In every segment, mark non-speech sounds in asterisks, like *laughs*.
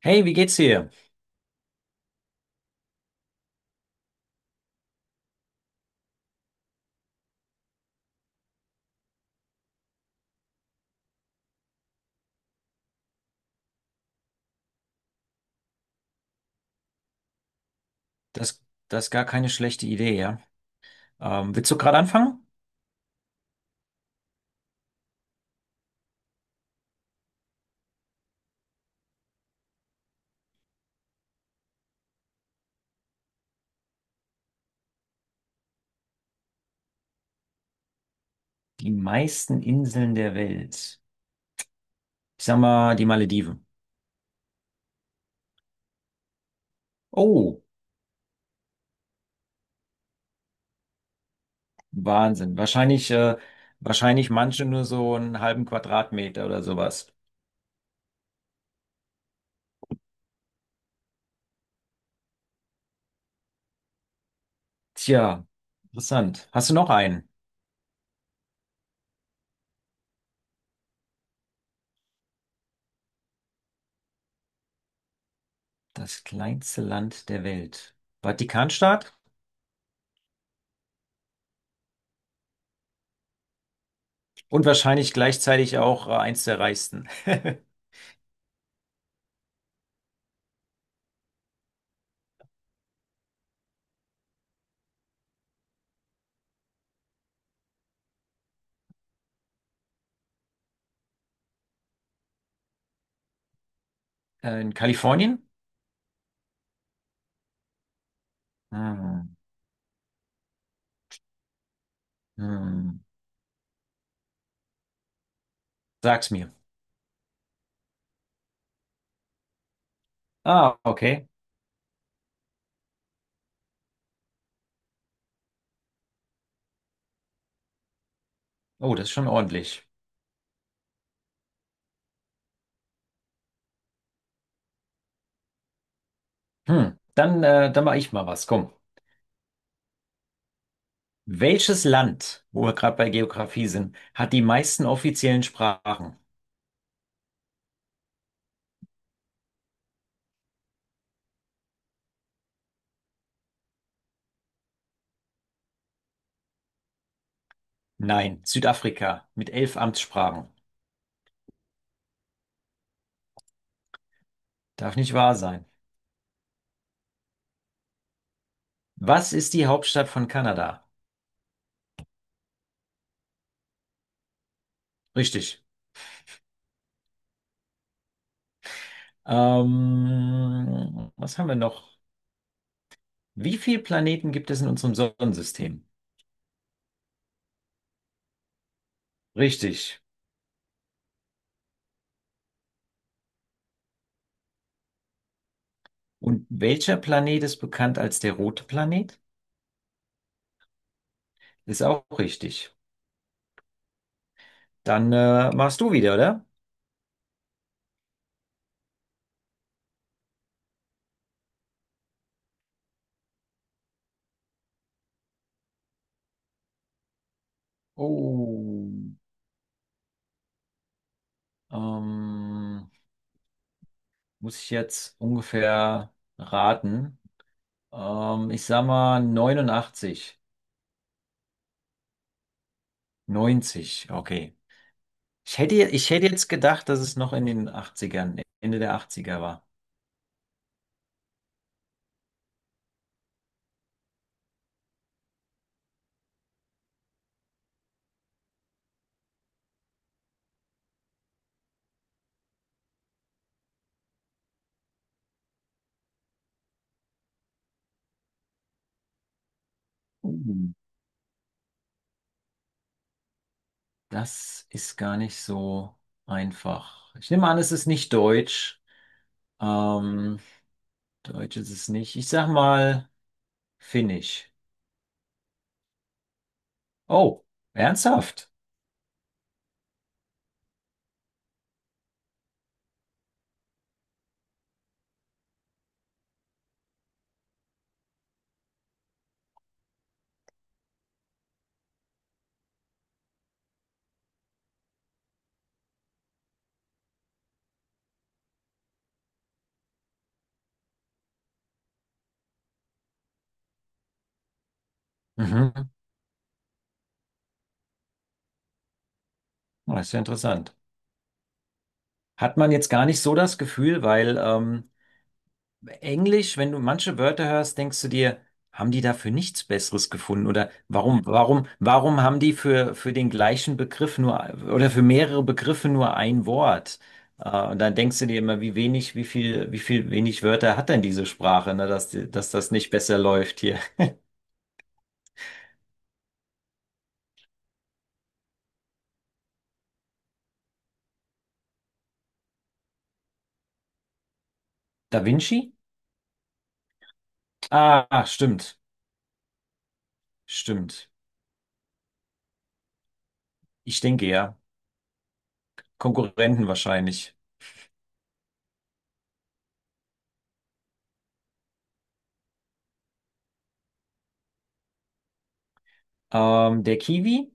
Hey, wie geht's dir? Das, das ist gar keine schlechte Idee, ja. Willst du gerade anfangen? Die meisten Inseln der Welt. Ich sag mal, die Malediven. Oh, Wahnsinn. Wahrscheinlich, wahrscheinlich manche nur so einen halben Quadratmeter oder sowas. Tja, interessant. Hast du noch einen? Das kleinste Land der Welt. Vatikanstaat? Und wahrscheinlich gleichzeitig auch eins der reichsten. *laughs* In Kalifornien? Hm, hm. Sag's mir. Ah, okay. Oh, das ist schon ordentlich. Hm, dann, dann mache ich mal was. Komm. Welches Land, wo wir gerade bei Geografie sind, hat die meisten offiziellen Sprachen? Nein, Südafrika mit 11 Amtssprachen. Darf nicht wahr sein. Was ist die Hauptstadt von Kanada? Richtig. Was haben wir noch? Wie viele Planeten gibt es in unserem Sonnensystem? Richtig. Und welcher Planet ist bekannt als der rote Planet? Ist auch richtig. Dann machst du wieder, oder? Oh, ähm, muss ich jetzt ungefähr raten? Ich sag mal 89, 90. Okay. Ich hätte jetzt gedacht, dass es noch in den Achtzigern, Ende der Achtziger war. Uh, Das ist gar nicht so einfach. Ich nehme an, es ist nicht deutsch. Ähm, Deutsch ist es nicht. Ich sag mal Finnisch. Oh, ernsthaft? Mhm. Oh, das ist ja interessant. Hat man jetzt gar nicht so das Gefühl, weil Englisch, wenn du manche Wörter hörst, denkst du dir, haben die dafür nichts Besseres gefunden? Oder warum haben die für den gleichen Begriff nur oder für mehrere Begriffe nur ein Wort? Und dann denkst du dir immer, wie wenig, wie viel wenig Wörter hat denn diese Sprache, ne, dass das nicht besser läuft hier. Da Vinci? Ah, stimmt. Stimmt. Ich denke ja. Konkurrenten wahrscheinlich. Der Kiwi,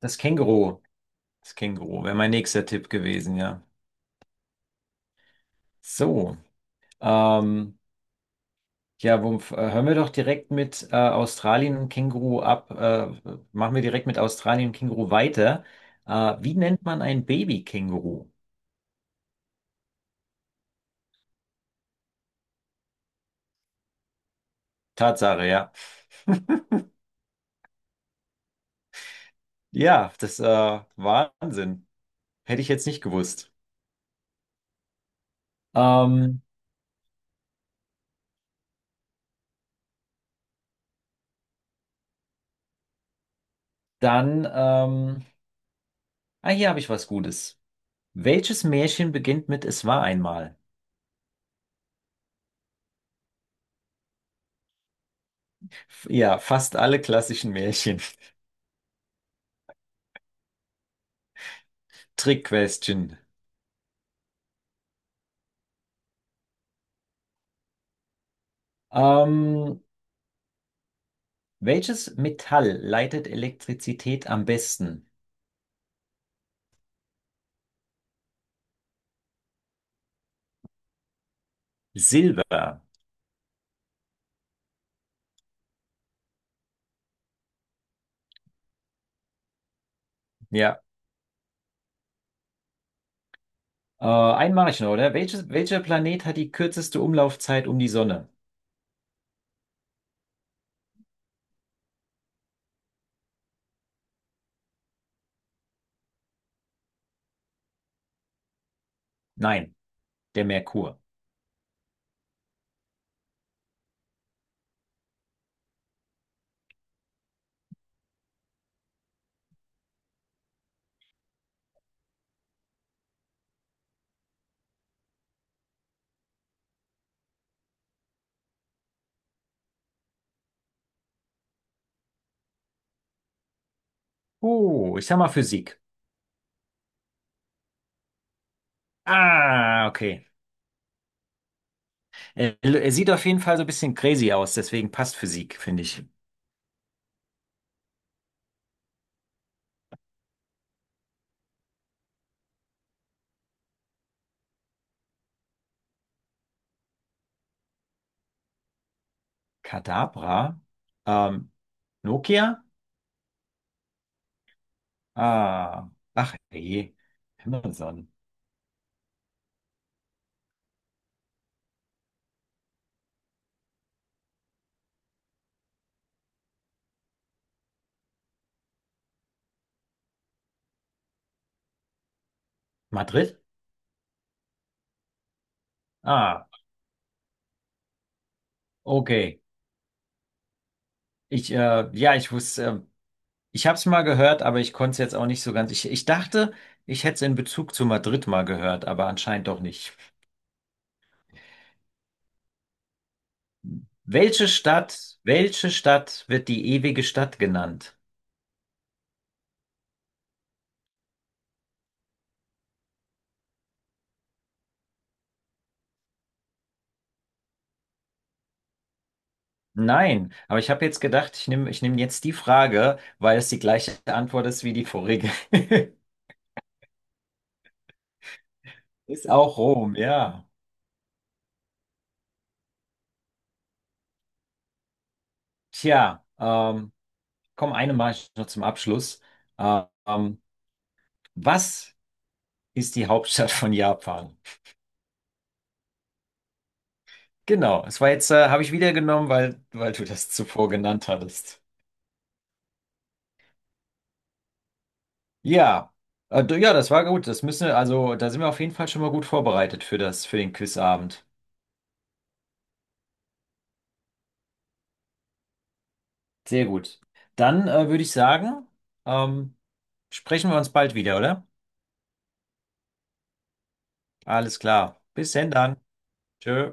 das Känguru. Das Känguru wäre mein nächster Tipp gewesen, ja. So. Ähm, ja, Wumpf, hören wir doch direkt mit Australien und Känguru ab. Machen wir direkt mit Australien und Känguru weiter. Wie nennt man ein Baby-Känguru? Tatsache, ja. *laughs* Ja, das, Wahnsinn. Hätte ich jetzt nicht gewusst. Ähm, dann, ah, hier habe ich was Gutes. Welches Märchen beginnt mit „Es war einmal"? Ja, fast alle klassischen Märchen. *laughs* Trick-Question. Ähm, welches Metall leitet Elektrizität am besten? Silber. Ja. Einen mache ich noch, oder? Welcher Planet hat die kürzeste Umlaufzeit um die Sonne? Nein, der Merkur. Oh, ich sag mal Physik. Ah, okay. Er sieht auf jeden Fall so ein bisschen crazy aus, deswegen passt Physik, finde ich. Kadabra? Ähm, Nokia? Ah, ach je, Amazon. Madrid? Ah, okay. Ich wusste, ich habe es mal gehört, aber ich konnte es jetzt auch nicht so ganz. Ich dachte, ich hätte es in Bezug zu Madrid mal gehört, aber anscheinend doch nicht. Welche Stadt wird die ewige Stadt genannt? Nein, aber ich habe jetzt gedacht, ich nehm jetzt die Frage, weil es die gleiche Antwort ist wie die vorige. *laughs* Ist auch Rom, ja. Tja, komm, eine mache ich noch zum Abschluss. Ähm, was ist die Hauptstadt von Japan? Genau, es war jetzt, habe ich wieder genommen, weil, weil du das zuvor genannt hattest. Ja, ja, das war gut. Das müssen wir, also da sind wir auf jeden Fall schon mal gut vorbereitet für das, für den Quizabend. Sehr gut. Dann würde ich sagen, ähm, sprechen wir uns bald wieder, oder? Alles klar. Bis denn dann. Tschö.